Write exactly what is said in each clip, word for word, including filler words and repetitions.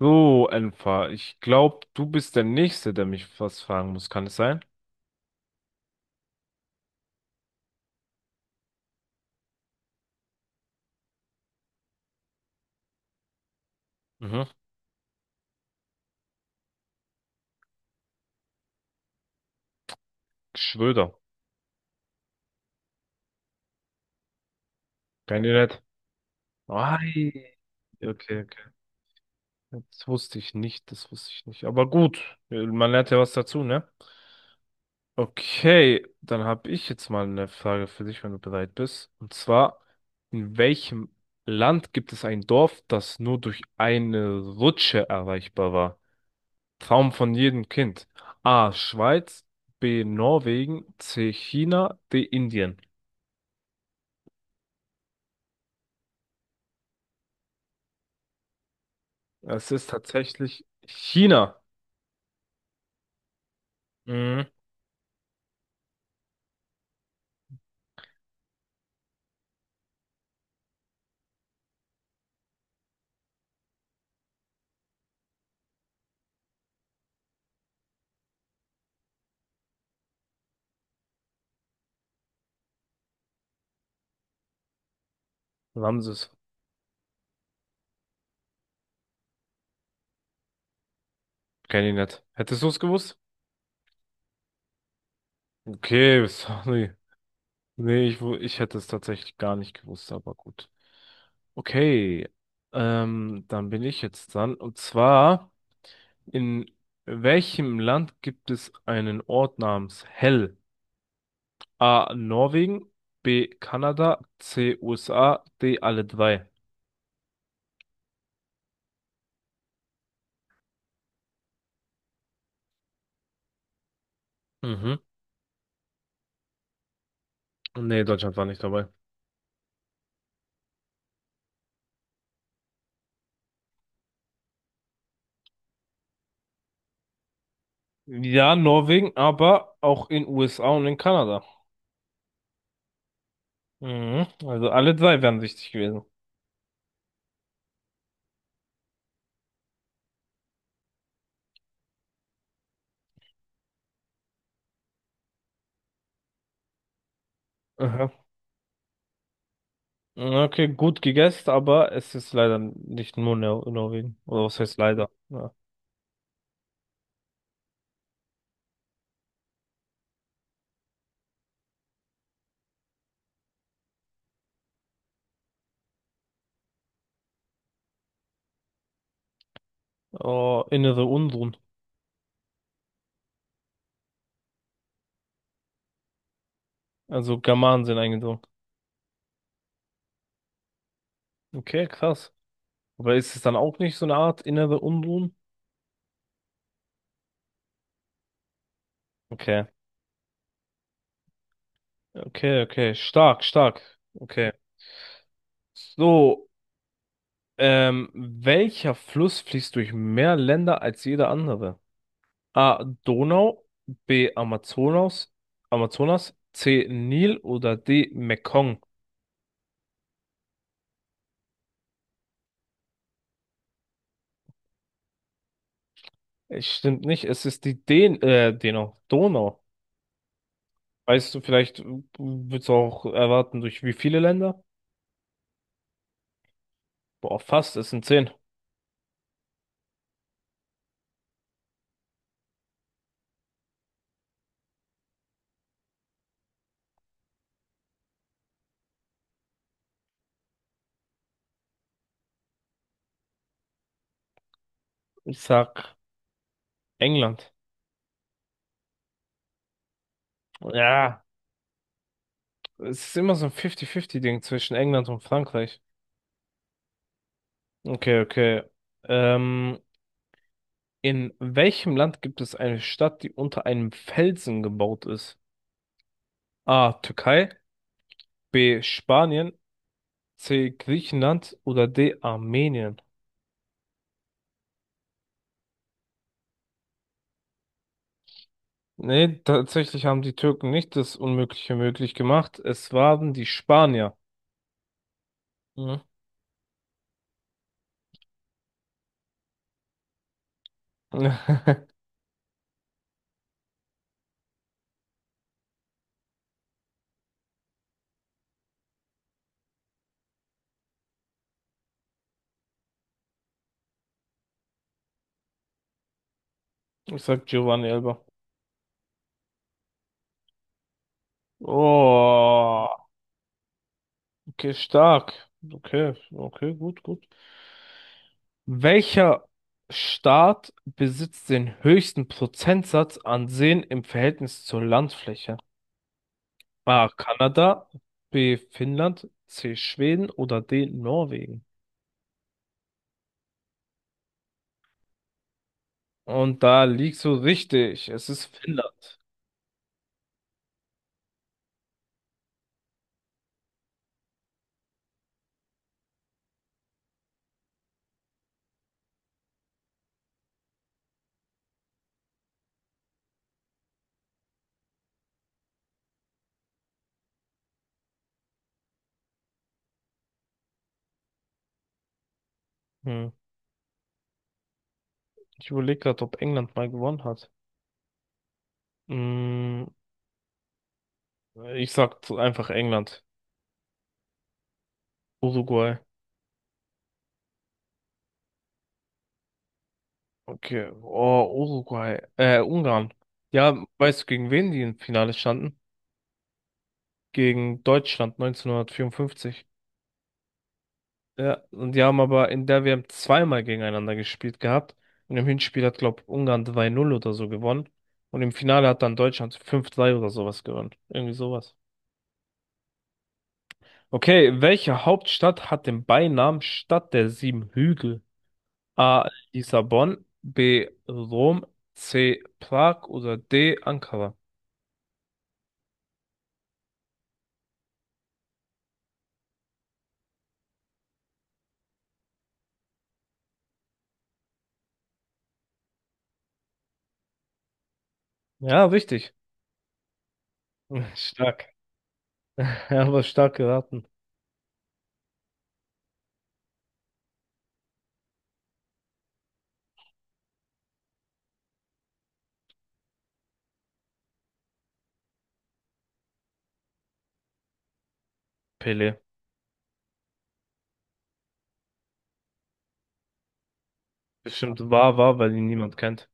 So, Enfa, ich glaube, du bist der Nächste, der mich was fragen muss. Kann es sein? Mhm. Schröder. Kennt ihr nicht? Ei. Okay, okay. Das wusste ich nicht, das wusste ich nicht. Aber gut, man lernt ja was dazu, ne? Okay, dann habe ich jetzt mal eine Frage für dich, wenn du bereit bist. Und zwar, in welchem Land gibt es ein Dorf, das nur durch eine Rutsche erreichbar war? Traum von jedem Kind. A. Schweiz, B. Norwegen, C. China, D. Indien. Es ist tatsächlich China. Mhm. Ramses. Kenn ich nicht. Hättest du es gewusst? Okay, sorry. Nee, ich, wu- ich hätte es tatsächlich gar nicht gewusst, aber gut. Okay, ähm, dann bin ich jetzt dran. Und zwar, in welchem Land gibt es einen Ort namens Hell? A. Norwegen, B. Kanada, C. U S A, D. alle drei. Mhm. Nee, Deutschland war nicht dabei. Ja, Norwegen, aber auch in U S A und in Kanada. Mhm. Also alle drei wären richtig gewesen. Aha. Okay, gut gegessen, aber es ist leider nicht nur Nor Norwegen. Oder was heißt leider? Ja. Oh, innere Unruhen. Also Germanen sind eingedrungen. Okay, krass. Aber ist es dann auch nicht so eine Art innere Unruhen? Okay. Okay, okay. Stark, stark. Okay. So, ähm, welcher Fluss fließt durch mehr Länder als jeder andere? A. Donau, B. Amazonas, Amazonas, C. Nil oder D. Mekong? Es stimmt nicht, es ist die Den äh, Donau. Donau. Weißt du, vielleicht äh, würdest du auch erwarten, durch wie viele Länder? Boah, fast, es sind zehn. Ich sag England. Ja, es ist immer so ein fünfzig fünfzig-Ding zwischen England und Frankreich. Okay, okay. Ähm, In welchem Land gibt es eine Stadt, die unter einem Felsen gebaut ist? A. Türkei, B. Spanien, C. Griechenland oder D. Armenien? Nee, tatsächlich haben die Türken nicht das Unmögliche möglich gemacht. Es waren die Spanier. Mhm. Ich sag Giovanni Elber. Oh, okay, stark. Okay, okay, gut, gut. Welcher Staat besitzt den höchsten Prozentsatz an Seen im Verhältnis zur Landfläche? A. Kanada, B. Finnland, C. Schweden oder D. Norwegen? Und da liegst du richtig. Es ist Finnland. Hm. Ich überlege gerade, ob England mal gewonnen hat. Hm, ich sag zu- einfach England. Uruguay. Okay. Oh, Uruguay. Äh, Ungarn. Ja, weißt du, gegen wen die im Finale standen? Gegen Deutschland neunzehnhundertvierundfünfzig. Ja, und die haben aber in der W M zweimal gegeneinander gespielt gehabt. Und im Hinspiel hat, glaube Ungarn zwei null oder so gewonnen. Und im Finale hat dann Deutschland fünf drei oder sowas gewonnen. Irgendwie sowas. Okay, welche Hauptstadt hat den Beinamen Stadt der sieben Hügel? A. Lissabon, B. Rom, C. Prag oder D. Ankara? Ja, richtig. Stark. Ja, aber stark geraten. Pele. Bestimmt war, war, weil ihn niemand kennt.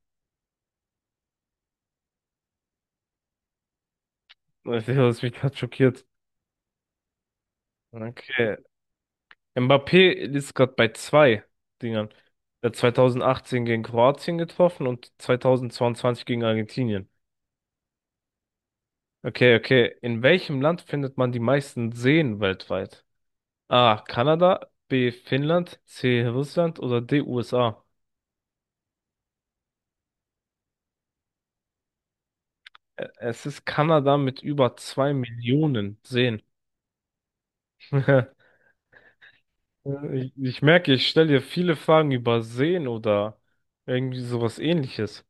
Das hat mich gerade schockiert. Okay, Mbappé ist gerade bei zwei Dingern. Er hat zwanzig achtzehn gegen Kroatien getroffen und zwanzig zweiundzwanzig gegen Argentinien. Okay, okay. In welchem Land findet man die meisten Seen weltweit? A. Kanada, B. Finnland, C. Russland oder D. U S A? Ä- Es ist Kanada mit über zwei Millionen Seen. Ich, ich merke, ich stelle dir viele Fragen über Seen oder irgendwie sowas ähnliches.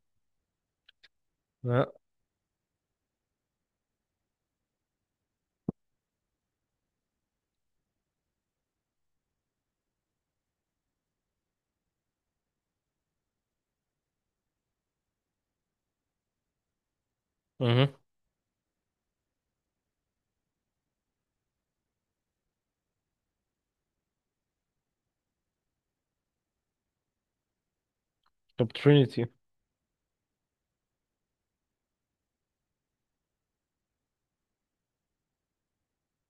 Ja. Mhm. Ich glaube Trinity.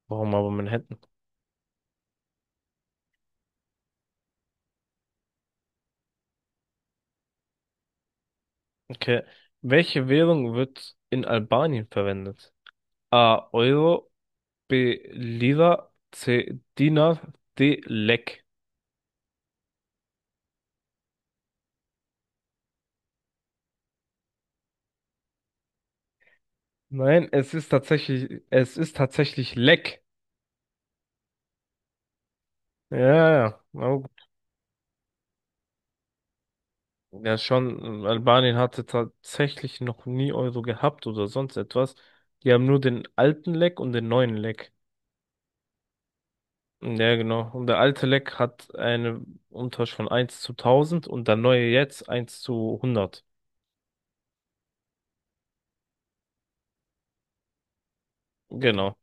Warum aber Manhattan? Okay. Welche Währung wird in Albanien verwendet? A. Euro, B. Lira, C. Dinar, D. Lek. Nein, es ist tatsächlich, es ist tatsächlich Lek. Ja, ja, ja, na gut. Ja, schon. äh, Albanien hatte tatsächlich noch nie Euro gehabt oder sonst etwas. Die haben nur den alten Lek und den neuen Lek. Ja, genau. Und der alte Lek hat eine Umtausch von eins zu tausend und der neue jetzt eins zu hundert. Genau.